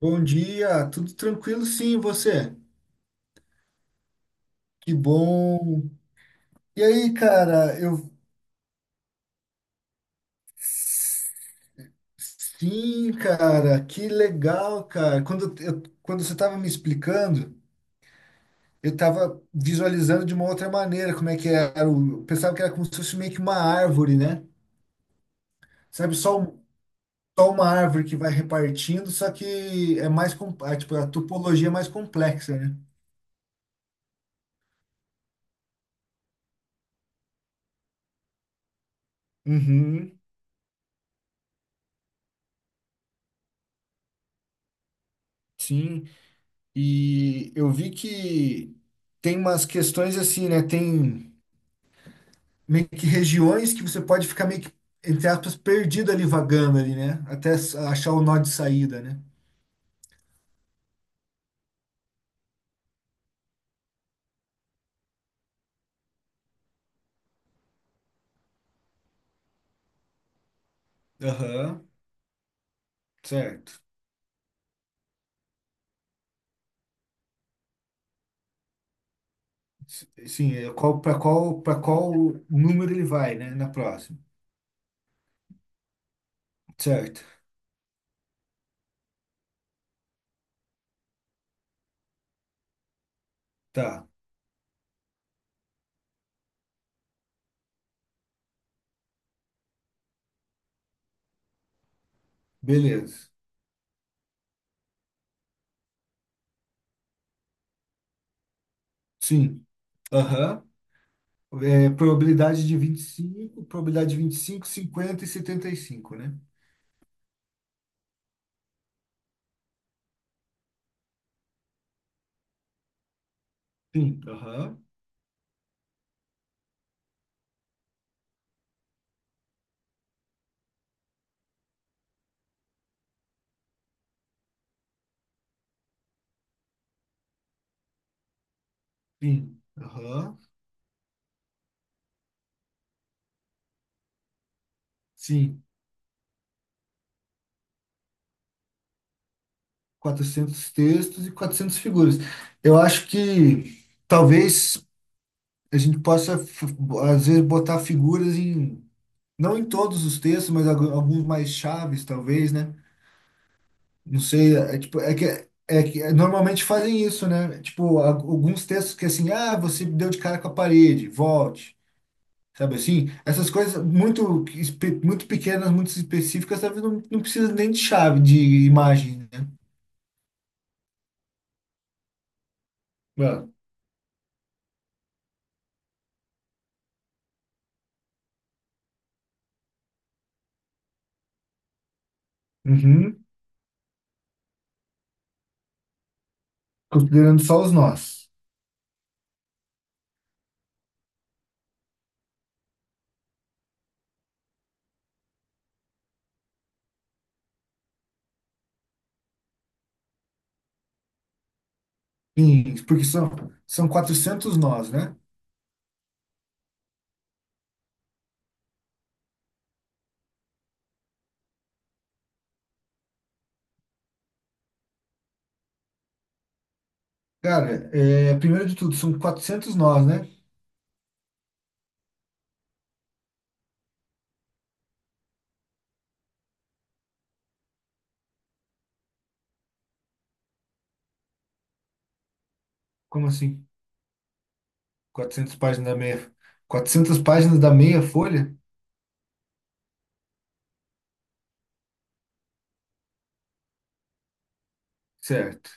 Bom dia, tudo tranquilo? Sim, e você? Que bom. E aí, cara, eu sim, cara, que legal, cara. Quando você estava me explicando, eu estava visualizando de uma outra maneira como é que era. Eu pensava que era como se fosse meio que uma árvore, né? Sabe, só uma árvore que vai repartindo, só que é mais, tipo, a topologia é mais complexa, né? Uhum, sim. E eu vi que tem umas questões assim, né? Tem meio que regiões que você pode ficar meio que, entre aspas, perdido ali, vagando ali, né? Até achar o nó de saída, né? Aham, certo. Sim, para qual número ele vai, né? Na próxima. Certo. Tá, beleza. Sim. Aham. É, probabilidade de 25 probabilidade de 25 50 e 75, né? Sim. Aham. Sim. Aham. Sim. 400 textos e 400 figuras. Eu acho que talvez a gente possa, às vezes, botar figuras em, não em todos os textos, mas alguns mais chaves, talvez, né? Não sei, é, tipo, é que normalmente fazem isso, né? Tipo, alguns textos que assim, ah, você deu de cara com a parede, volte. Sabe assim? Essas coisas muito, muito pequenas, muito específicas, talvez não, não precisa nem de chave, de imagem, né? É. Uhum. Considerando só os nós. Sim, porque são 400 nós, né? Cara, primeiro de tudo, são 400 nós, né? Como assim? 400 páginas da meia... 400 páginas da meia folha? Certo.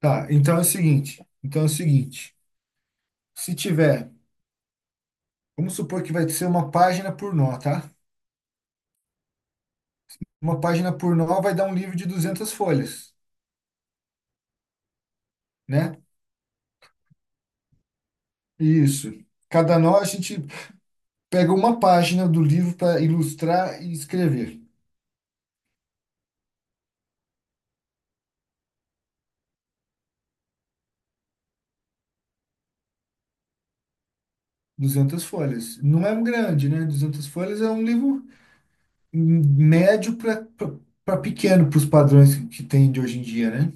Tá, então é o seguinte. Então é o seguinte. Se tiver, vamos supor que vai ser uma página por nó, tá? Uma página por nó vai dar um livro de 200 folhas, né? Isso. Cada nó a gente pega uma página do livro para ilustrar e escrever. 200 folhas. Não é um grande, né? 200 folhas é um livro médio para pequeno, para os padrões que tem de hoje em dia, né?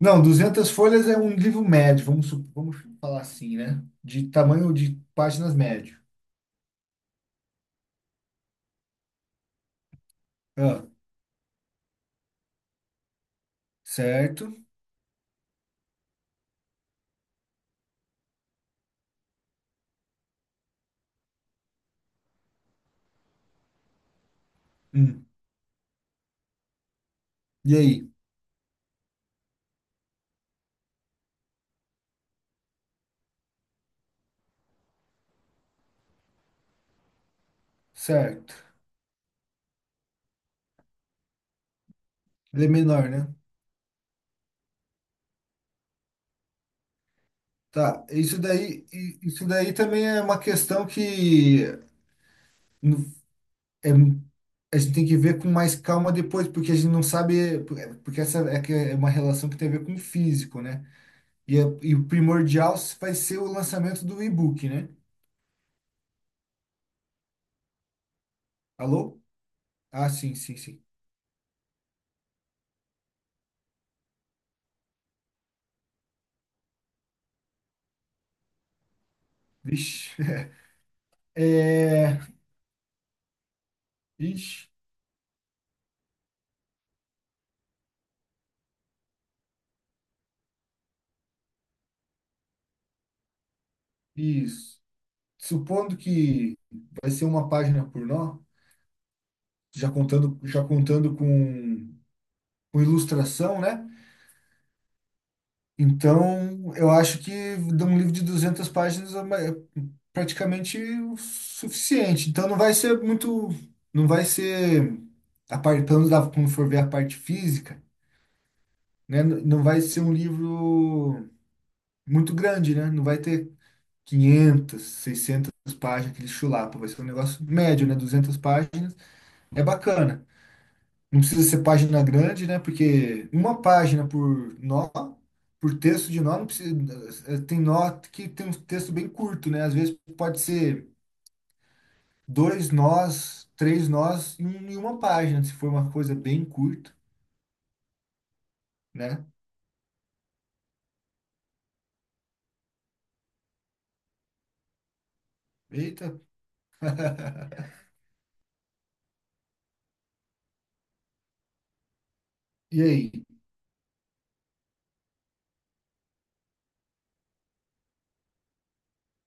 Não, 200 folhas é um livro médio, vamos falar assim, né? De tamanho de páginas médio. Ah, certo. Hum. E aí? Certo. Ele é menor, né? Tá, isso daí também é uma questão que é a gente tem que ver com mais calma depois, porque a gente não sabe, porque essa é que é uma relação que tem a ver com o físico, né? E o primordial vai ser o lançamento do e-book, né? Alô? Ah, sim, sim, sim. Vixe. É, ixi, isso. Supondo que vai ser uma página por nó, já contando com ilustração, né? Então, eu acho que de um livro de 200 páginas é praticamente o suficiente. Então, não vai ser muito, não vai ser, a parte, pelo menos quando for ver a parte física, né? Não vai ser um livro muito grande, né? Não vai ter 500 600 páginas, aquele chulapa. Vai ser um negócio médio, né? 200 páginas é bacana. Não precisa ser página grande, né? Porque uma página por nó, por texto de nó, não precisa. Tem nó que tem um texto bem curto, né? Às vezes pode ser dois nós, três nós em uma página, se for uma coisa bem curta, né? Eita! E aí?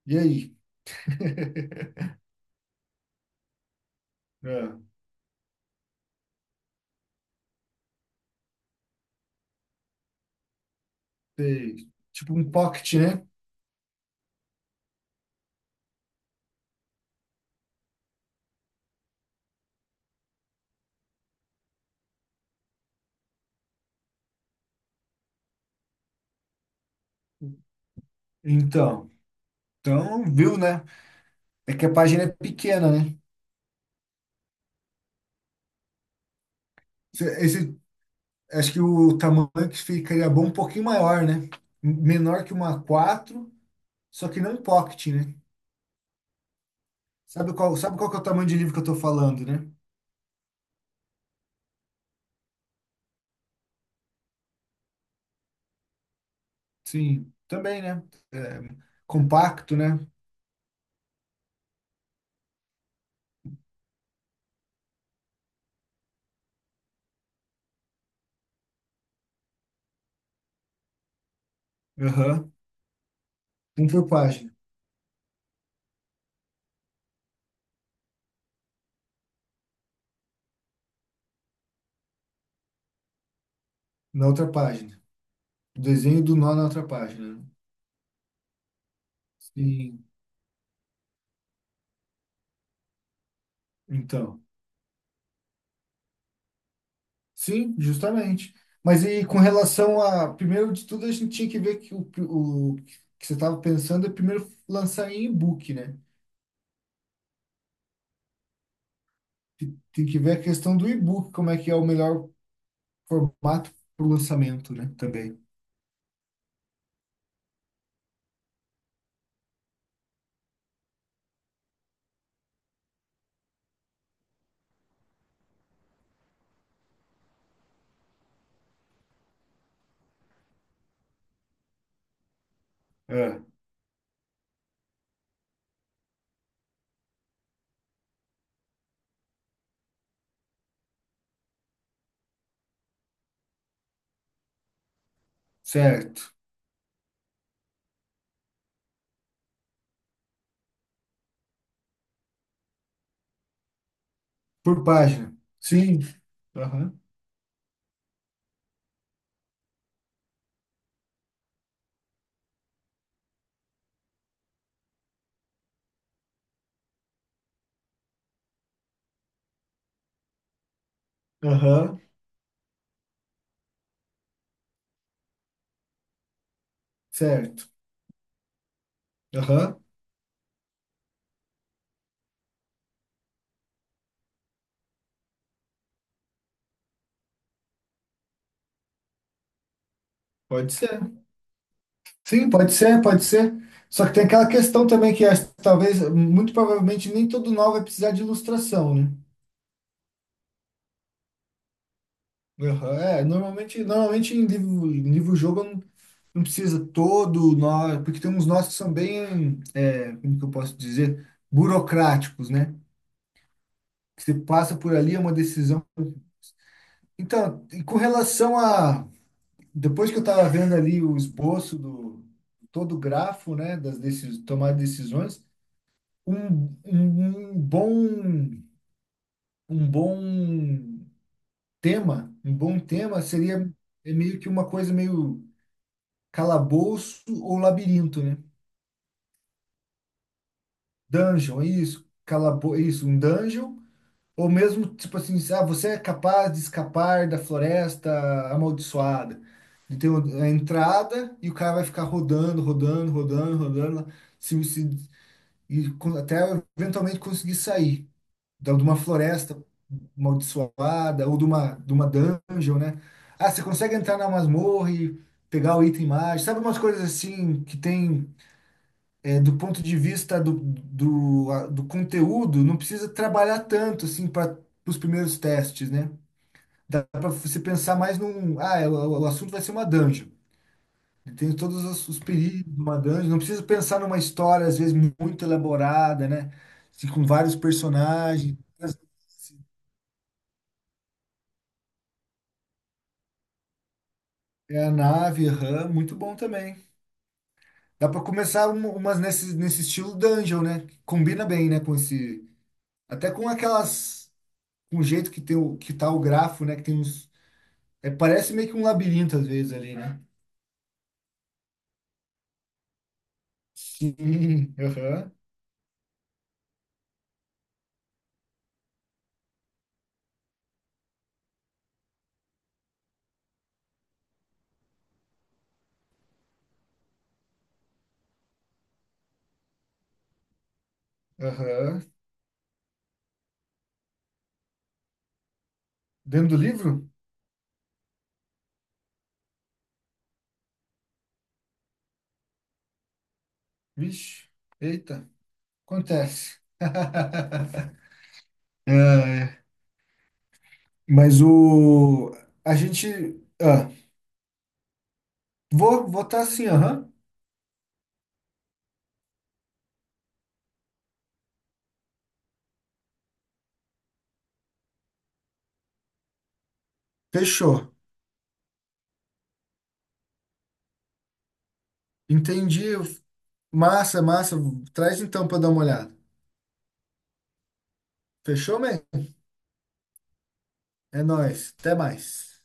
E aí? É, sei. Tipo um pocket, né? Então, então, viu, né? É que a página é pequena, né? Esse, Acho que o tamanho que ficaria bom um pouquinho maior, né? Menor que uma quatro, só que não pocket, né? Sabe qual que é o tamanho de livro que eu tô falando, né? Sim, também, né? É, compacto, né? Aham. Um por página, na outra página. O desenho do nó na outra página, né? Sim, então. Sim, justamente. Mas e com relação a, primeiro de tudo, a gente tinha que ver que o que você estava pensando é primeiro lançar em e-book, né? Tem que ver a questão do e-book, como é que é o melhor formato para o lançamento, né? Também. É, certo. Por página. Sim. Aham. Aham. Certo. Aham. Pode ser. Sim, pode ser, pode ser. Só que tem aquela questão também que acho que talvez, muito provavelmente, nem todo nó vai precisar de ilustração, né? Aham, normalmente em livro, em livro-jogo não precisa todo nó, porque tem uns nós que são bem, como que eu posso dizer, burocráticos, né? Você passa por ali, é uma decisão. Então, e com relação a. Depois que eu estava vendo ali o esboço do todo o grafo, né, das decis tomar decisões, um, um, um bom um bom um bom tema seria meio que uma coisa meio calabouço ou labirinto, né? Dungeon, é isso, um dungeon. Ou mesmo, tipo assim, ah, você é capaz de escapar da floresta amaldiçoada. E tem a entrada e o cara vai ficar rodando, rodando, rodando, rodando, lá, se, e até eventualmente conseguir sair de uma floresta amaldiçoada ou de uma dungeon, né? Ah, você consegue entrar na masmorra e pegar o item mágico. Sabe umas coisas assim que tem. É, do ponto de vista do conteúdo, não precisa trabalhar tanto assim para os primeiros testes, né? Dá para você pensar mais num. Ah, o assunto vai ser uma dungeon. Tem todos os perigos de uma dungeon. Não precisa pensar numa história, às vezes, muito elaborada, né? Assim, com vários personagens. É a nave, aham, muito bom também. Dá para começar umas nesse estilo dungeon, né? Combina bem, né? Com esse. Até com aquelas. Com o jeito que tem o que tá o grafo, né? Que tem uns. É, parece meio que um labirinto às vezes ali, né? Sim, aham, aham. Dentro do livro? Vixe, eita, acontece. É, mas o. A gente. Ah, vou votar assim, aham. Fechou. Entendi. Massa, massa. Traz então pra dar uma olhada. Fechou, man? É nóis. Até mais.